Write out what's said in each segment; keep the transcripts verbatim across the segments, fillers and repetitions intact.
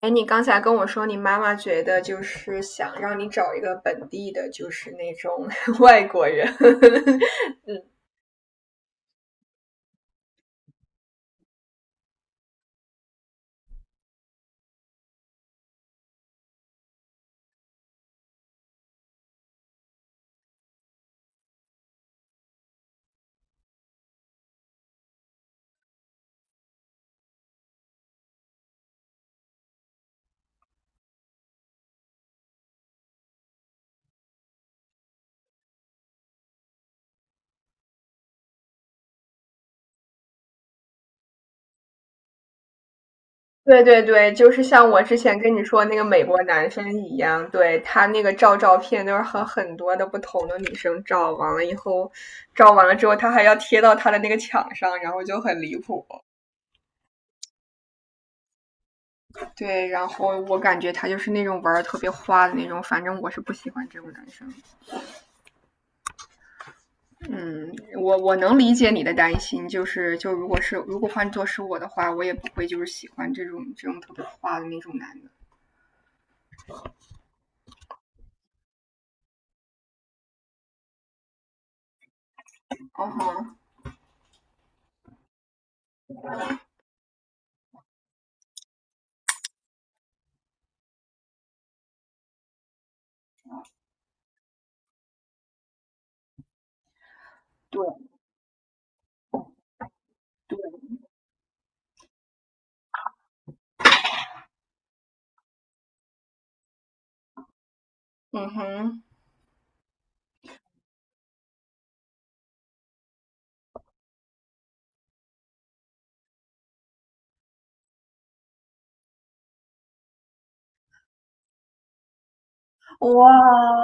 哎，你刚才跟我说，你妈妈觉得就是想让你找一个本地的，就是那种 外国人。嗯，对对对，就是像我之前跟你说那个美国男生一样，对，他那个照照片都是和很多的不同的女生照，完了以后，照完了之后，他还要贴到他的那个墙上，然后就很离谱。对，然后我感觉他就是那种玩的特别花的那种，反正我是不喜欢这种男生。嗯，我我能理解你的担心，就是就如果是如果换做是我的话，我也不会就是喜欢这种这种特别花的那种男的。哦吼，对，嗯哼，哇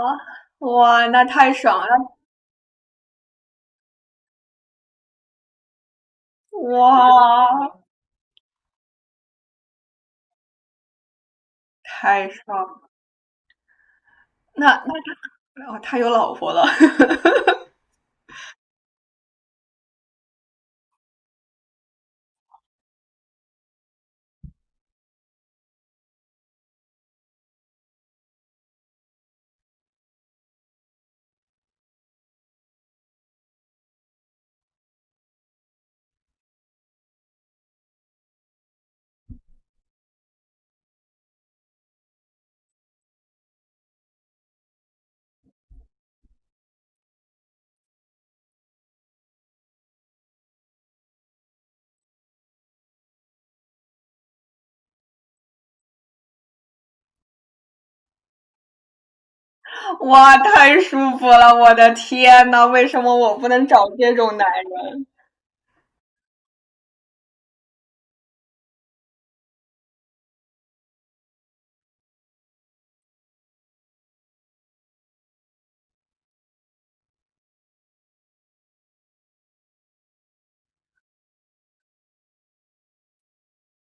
哇，那太爽了！哇，太爽了。那那他哦，他有老婆了，哇，太舒服了！我的天呐，为什么我不能找这种男。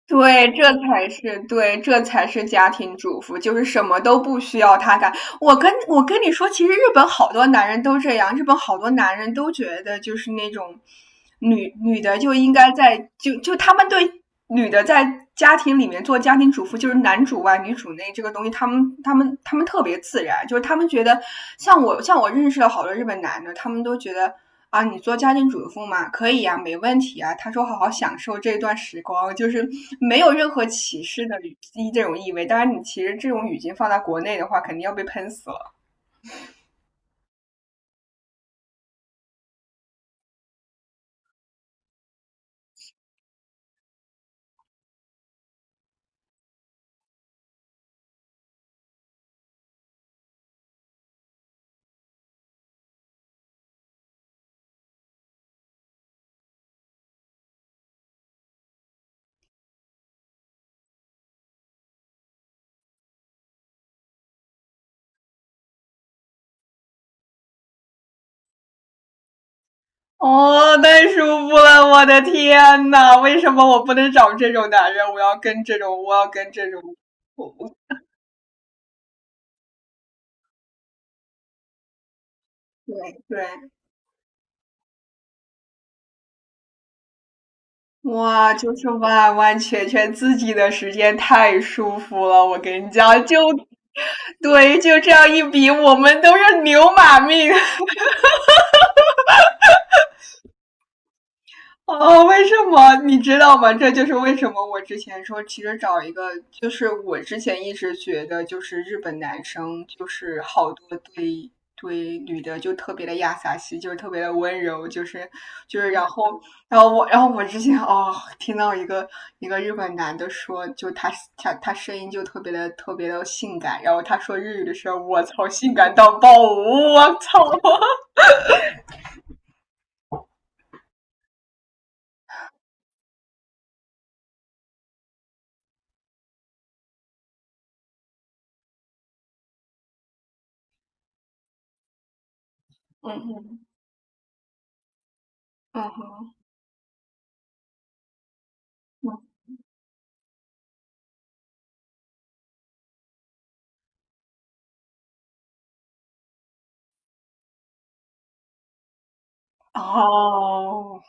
对，这才是对，这才是家庭主妇，就是什么都不需要他干。我跟我跟你说，其实日本好多男人都这样，日本好多男人都觉得就是那种女女的就应该在就就他们对女的在家庭里面做家庭主妇，就是男主外女主内这个东西，他们他们他们特别自然，就是他们觉得像我像我认识了好多日本男的，他们都觉得啊，你做家庭主妇嘛，可以呀、没问题啊。他说好好享受这段时光，就是没有任何歧视的语这种意味。当然，你其实这种语境放在国内的话，肯定要被喷死了。哦，太舒服了，我的天呐，为什么我不能找这种男人？我要跟这种，我要跟这种，我我对对，哇，就是完完全全自己的时间，太舒服了。我跟你讲，就对，就这样一比，我们都是牛马命。哦，为什么你知道吗？这就是为什么我之前说，其实找一个，就是我之前一直觉得，就是日本男生就是好多对对女的就特别的亚萨西，就是特别的温柔，就是就是然后然后我然后我之前哦听到一个一个日本男的说，就他他他声音就特别的特别的性感，然后他说日语的时候，我操，性感到爆，我操，嗯嗯嗯哼，嗯哦。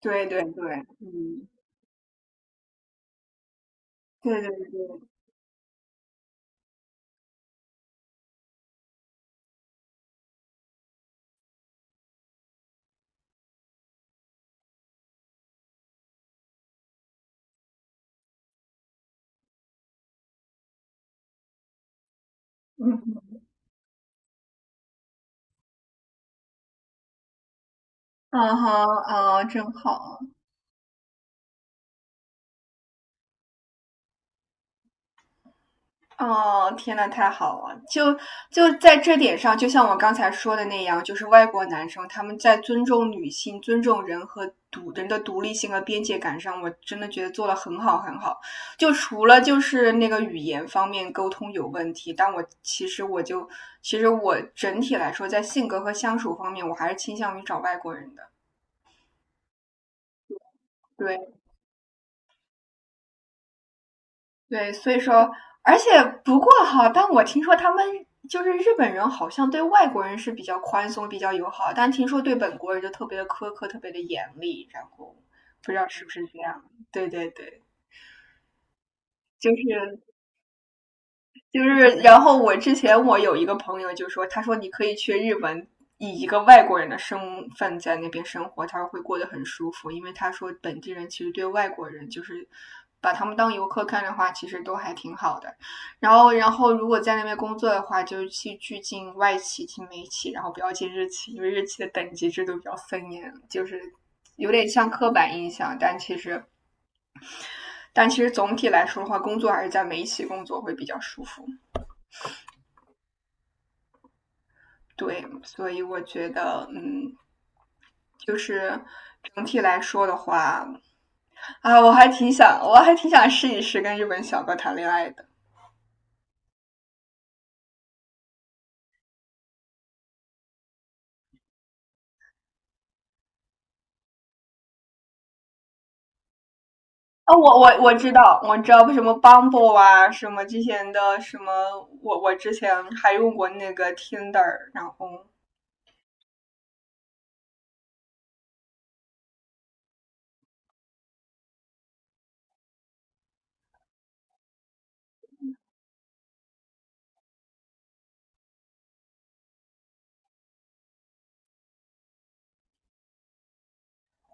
对对对，嗯，对对对，嗯哼，嗯哼，哦，真好，哦，天呐，太好了！就就在这点上，就像我刚才说的那样，就是外国男生他们在尊重女性、尊重人和独人的独立性和边界感上，我真的觉得做的很好很好。就除了就是那个语言方面沟通有问题，但我其实我就其实我整体来说，在性格和相处方面，我还是倾向于找外国人的。对。对，所以说，而且不过哈，但我听说他们就是日本人，好像对外国人是比较宽松、比较友好，但听说对本国人就特别的苛刻、特别的严厉，然后不知道是不是这样。对对对，就是就是，然后我之前我有一个朋友就说，他说你可以去日本，以一个外国人的身份在那边生活，他说会过得很舒服，因为他说本地人其实对外国人就是把他们当游客看的话，其实都还挺好的。然后，然后如果在那边工作的话，就去去进外企、进美企，然后不要进日企，因为日企的等级制度比较森严，就是。有点像刻板印象，但其实，但其实总体来说的话，工作还是在美企工作会比较舒服。对，所以我觉得，嗯，就是整体来说的话，啊，我还挺想，我还挺想试一试跟日本小哥谈恋爱的。啊，哦我我我知道，我知道什么 Bumble 啊，什么之前的什么，我我之前还用过那个 Tinder，然后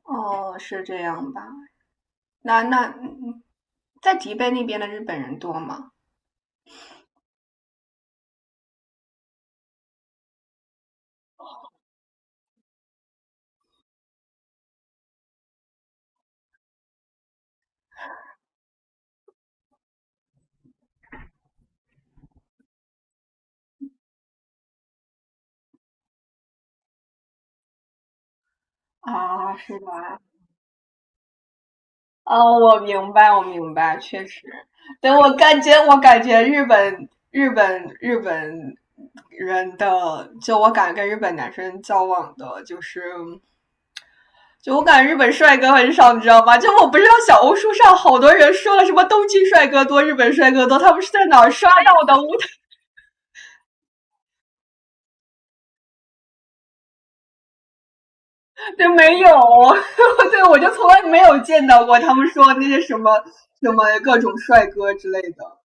哦，是这样吧？那那嗯在迪拜那边的日本人多吗？啊，是吧？哦，我明白，我明白，确实。对，我感觉，我感觉日本、日本、日本人的，就我感觉跟日本男生交往的，就是就我感觉日本帅哥很少，你知道吗？就我不知道小红书上好多人说了什么东京帅哥多、日本帅哥多，他们是在哪儿刷到的？我对没有，对我就从来没有见到过他们说那些什么什么各种帅哥之类的。